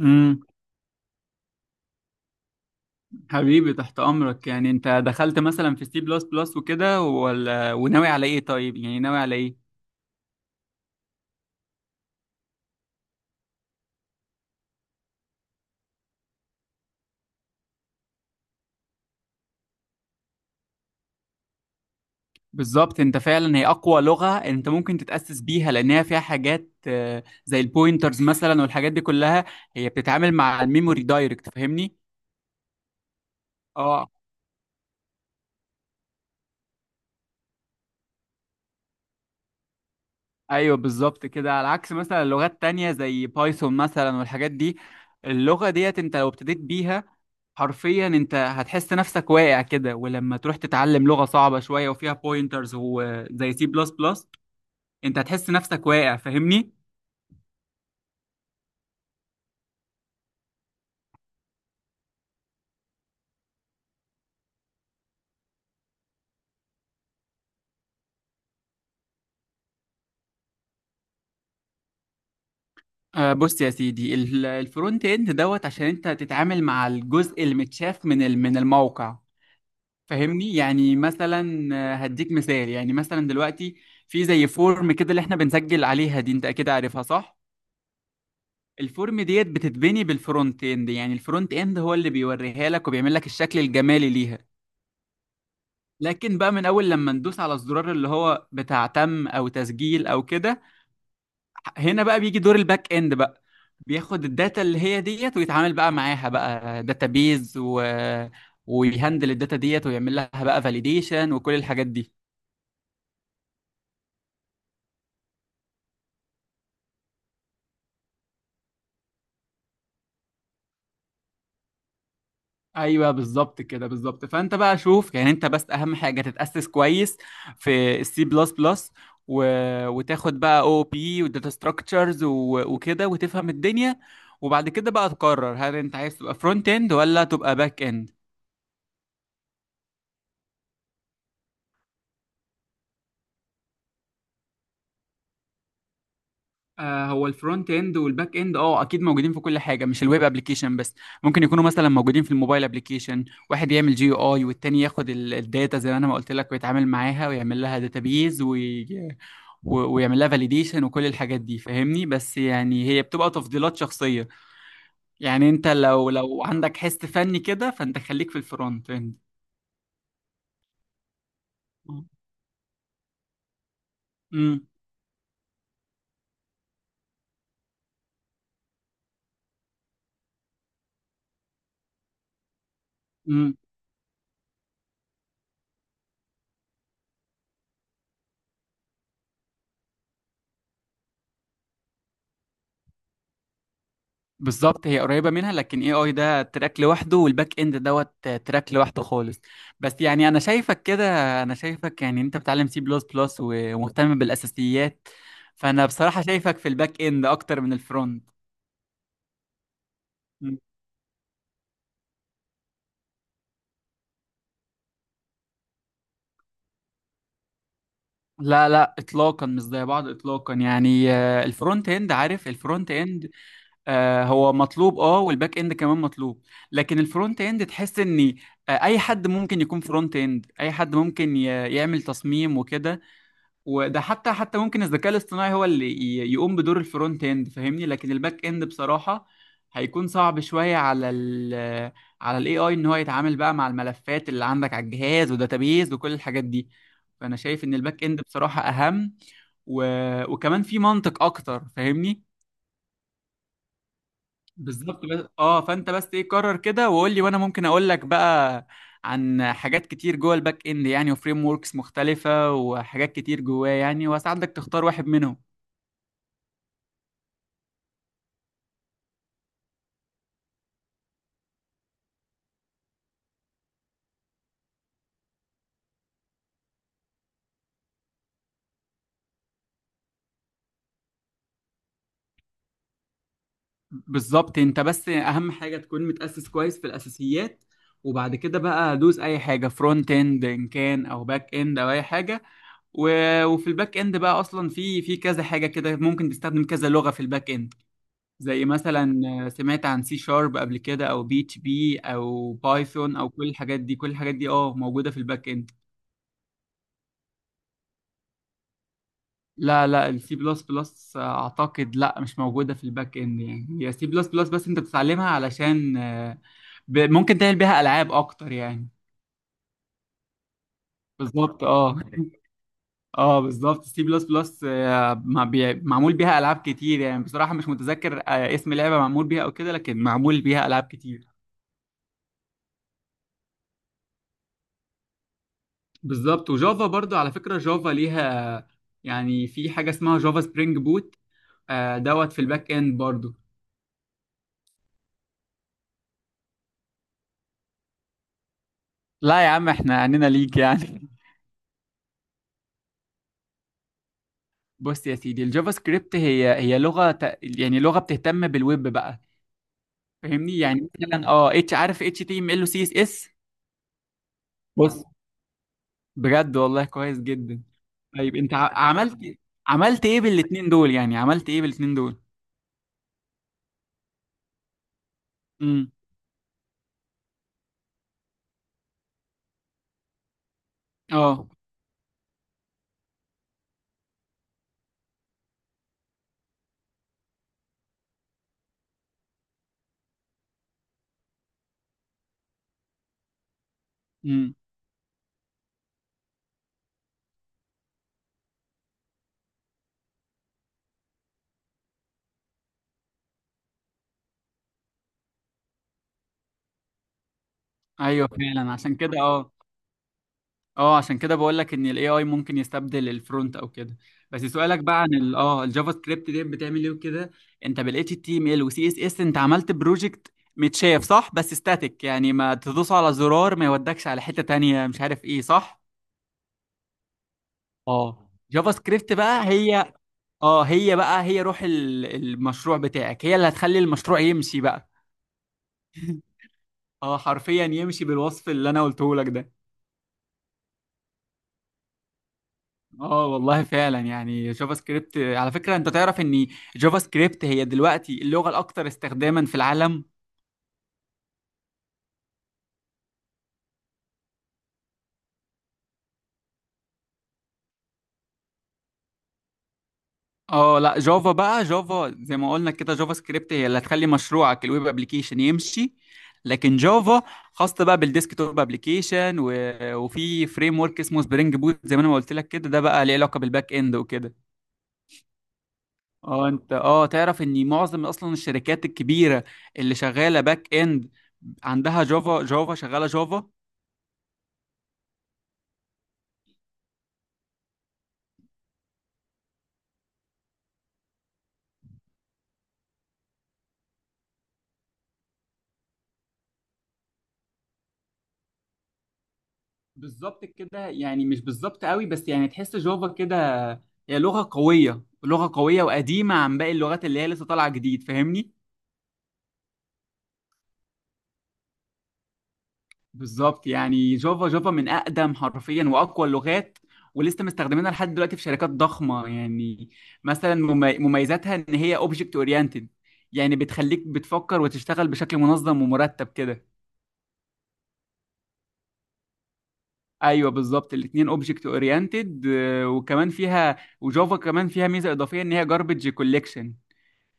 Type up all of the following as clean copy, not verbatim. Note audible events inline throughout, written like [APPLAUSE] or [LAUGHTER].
امم حبيبي تحت امرك. يعني انت دخلت مثلا في سي بلس بلس وكده، ولا وناوي على ايه؟ طيب يعني ناوي على ايه؟ بالظبط، انت فعلا هي اقوى لغة انت ممكن تتأسس بيها، لانها فيها حاجات زي البوينترز مثلا والحاجات دي كلها. هي بتتعامل مع الميموري دايركت، فاهمني؟ اه ايوه بالظبط كده. على عكس مثلا لغات تانية زي بايثون مثلا والحاجات دي، اللغة ديت انت لو ابتديت بيها حرفيا انت هتحس نفسك واقع كده، ولما تروح تتعلم لغة صعبة شوية وفيها بوينترز وزي سي بلس بلس انت هتحس نفسك واقع، فاهمني؟ آه، بص يا سيدي، الفرونت اند دوت عشان انت تتعامل مع الجزء المتشاف من من الموقع. فاهمني؟ يعني مثلا هديك مثال. يعني مثلا دلوقتي في زي فورم كده اللي احنا بنسجل عليها دي، انت اكيد عارفها صح؟ الفورم ديت بتتبني بالفرونت اند، يعني الفرونت اند هو اللي بيوريها لك وبيعمل لك الشكل الجمالي ليها. لكن بقى من اول لما ندوس على الزرار اللي هو بتاع تم او تسجيل او كده، هنا بقى بيجي دور الباك اند بقى. بياخد الداتا اللي هي ديت، ويتعامل بقى معاها بقى، داتابيز ويهندل الداتا ديت، ويعمل لها بقى فاليديشن وكل الحاجات دي. ايوه بالظبط كده، بالظبط. فانت بقى شوف، يعني انت بس اهم حاجه تتاسس كويس في السي بلس بلس، وتاخد بقى او بي وداتا ستراكشرز وكده وتفهم الدنيا، وبعد كده بقى تقرر هل انت عايز تبقى فرونت اند ولا تبقى باك اند. آه، هو الفرونت اند والباك اند اه اكيد موجودين في كل حاجه، مش الويب ابلكيشن بس. ممكن يكونوا مثلا موجودين في الموبايل ابلكيشن، واحد يعمل جي يو اي، والتاني ياخد الداتا زي ما انا ما قلت لك، ويتعامل معاها، ويعمل لها داتابيز ويعمل لها فاليديشن وكل الحاجات دي، فاهمني؟ بس يعني هي بتبقى تفضيلات شخصيه. يعني انت لو عندك حس فني كده فانت خليك في الفرونت اند. امم بالظبط، هي قريبة منها، لكن اي اي ده تراك لوحده، والباك اند دوت تراك لوحده خالص. بس يعني انا شايفك كده، انا شايفك يعني انت بتعلم سي بلس بلس ومهتم بالاساسيات، فانا بصراحة شايفك في الباك اند اكتر من الفرونت. م. لا لا، اطلاقا مش زي بعض اطلاقا. يعني آه، الفرونت اند، عارف الفرونت اند آه، هو مطلوب اه، والباك اند كمان مطلوب، لكن الفرونت اند تحس ان آه، اي حد ممكن يكون فرونت اند. اي حد ممكن يعمل تصميم وكده، وده حتى ممكن الذكاء الاصطناعي هو اللي يقوم بدور الفرونت اند، فاهمني؟ لكن الباك اند بصراحة هيكون صعب شوية على ال على الاي اي ان هو يتعامل بقى مع الملفات اللي عندك على الجهاز وداتابيز وكل الحاجات دي. فانا شايف ان الباك اند بصراحة اهم، و... وكمان في منطق اكتر، فاهمني؟ بالظبط. بس اه فانت بس ايه، قرر كده وقول لي، وانا ممكن اقول لك بقى عن حاجات كتير جوه الباك اند، يعني وفريم وركس مختلفة وحاجات كتير جواه يعني، واساعدك تختار واحد منهم. بالظبط، انت بس اهم حاجه تكون متاسس كويس في الاساسيات، وبعد كده بقى دوس اي حاجه، فرونت اند ان كان او باك اند او اي حاجه. وفي الباك اند بقى اصلا في كذا حاجه كده، ممكن تستخدم كذا لغه في الباك اند. زي مثلا آه، سمعت عن سي شارب قبل كده، او بي اتش بي، او بايثون، او كل الحاجات دي. كل الحاجات دي اه موجوده في الباك اند. لا لا، السي بلس بلس اعتقد لا مش موجوده في الباك اند. يعني هي سي بلس بلس بس انت بتتعلمها علشان ممكن تعمل بيها العاب اكتر يعني. بالظبط اه. اه بالظبط، سي بلس بلس معمول بيها العاب كتير. يعني بصراحه مش متذكر اسم لعبه معمول بيها او كده، لكن معمول بيها العاب كتير. بالظبط، وجافا برضو على فكره جافا ليها، يعني في حاجه اسمها جافا سبرينج بوت، آه، دوت في الباك اند برضو. لا يا عم، احنا عنينا ليك يعني. [LAUGHS] بص يا سيدي، الجافا سكريبت هي لغه يعني لغه بتهتم بالويب بقى. فاهمني؟ يعني مثلا اه اتش، عارف اتش تي ام ال وسي اس اس. بص، بجد والله كويس جدا. طيب انت عملت إيه؟ عملت ايه بالاتنين دول؟ يعني عملت ايه بالاتنين دول؟ امم اه امم ايوه فعلا، عشان كده اه. اه عشان كده بقول لك ان الاي اي ممكن يستبدل الفرونت او كده. بس سؤالك بقى عن اه الجافا سكريبت دي بتعمل ايه وكده. انت بالاتش تي ام ال وسي اس اس انت عملت بروجكت متشاف صح، بس استاتيك، يعني ما تدوس على زرار ما يودكش على حتة تانية مش عارف ايه، صح؟ اه جافا سكريبت بقى هي اه هي بقى، هي روح المشروع بتاعك، هي اللي هتخلي المشروع يمشي بقى. [LAUGHS] اه حرفيا يمشي بالوصف اللي انا قلته لك ده. اه والله فعلا. يعني جافا سكريبت على فكرة انت تعرف ان جافا سكريبت هي دلوقتي اللغة الاكثر استخداما في العالم. اه لا، جافا بقى جافا. زي ما قلنا كده جافا سكريبت هي اللي هتخلي مشروعك الويب ابلكيشن يمشي، لكن جافا خاصة بقى بالديسك توب ابلكيشن، وفي فريم ورك اسمه سبرينج بوت زي ما انا ما قلت لك كده، ده بقى ليه علاقة بالباك اند وكده. اه انت اه تعرف ان معظم اصلا الشركات الكبيره اللي شغاله باك اند عندها جافا، جافا شغاله جافا. بالظبط كده، يعني مش بالظبط قوي بس يعني تحس جافا كده هي لغه قويه، لغه قويه وقديمه عن باقي اللغات اللي هي لسه طالعه جديد، فاهمني؟ بالظبط، يعني جافا، جافا من اقدم حرفيا واقوى اللغات، ولسه مستخدمينها لحد دلوقتي في شركات ضخمه يعني. مثلا مميزاتها ان هي اوبجكت اورينتد، يعني بتخليك بتفكر وتشتغل بشكل منظم ومرتب كده. ايوه بالظبط، الاثنين اوبجكت اورينتد. وكمان فيها، وجافا كمان فيها ميزه اضافيه ان هي جاربج كوليكشن،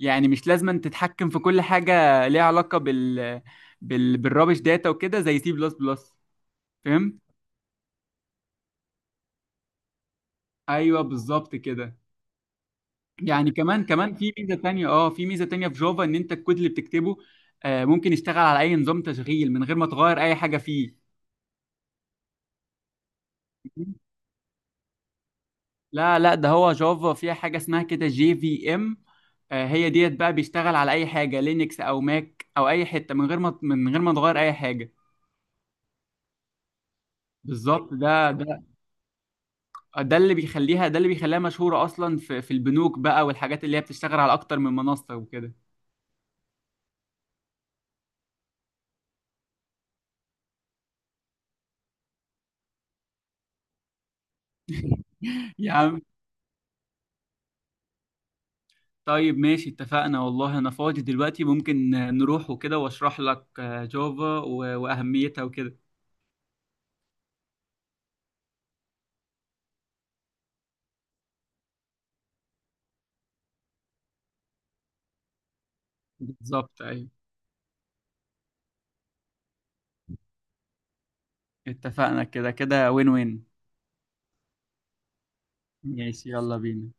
يعني مش لازم أن تتحكم في كل حاجه ليها علاقه بال بالرابش داتا وكده زي سي بلس بلس. فهمت؟ ايوه بالظبط كده. يعني كمان في ميزه تانية، اه في ميزه تانية في جافا، ان انت الكود اللي بتكتبه ممكن يشتغل على اي نظام تشغيل من غير ما تغير اي حاجه فيه. لا لا، ده هو جافا فيها حاجة اسمها كده جي في ام، آه، هي ديت بقى بيشتغل على أي حاجة، لينكس أو ماك أو أي حتة، من غير ما تغير أي حاجة. بالظبط، ده ده اللي بيخليها، ده اللي بيخليها مشهورة أصلا في البنوك بقى والحاجات اللي هي بتشتغل على أكتر من منصة وكده. [LAUGHS] يا عم، طيب ماشي اتفقنا، والله أنا فاضي دلوقتي ممكن نروح وكده وأشرح لك جافا وأهميتها وكده. بالظبط أيوه. اتفقنا، كده كده وين وين. ماشي، يلا بينا.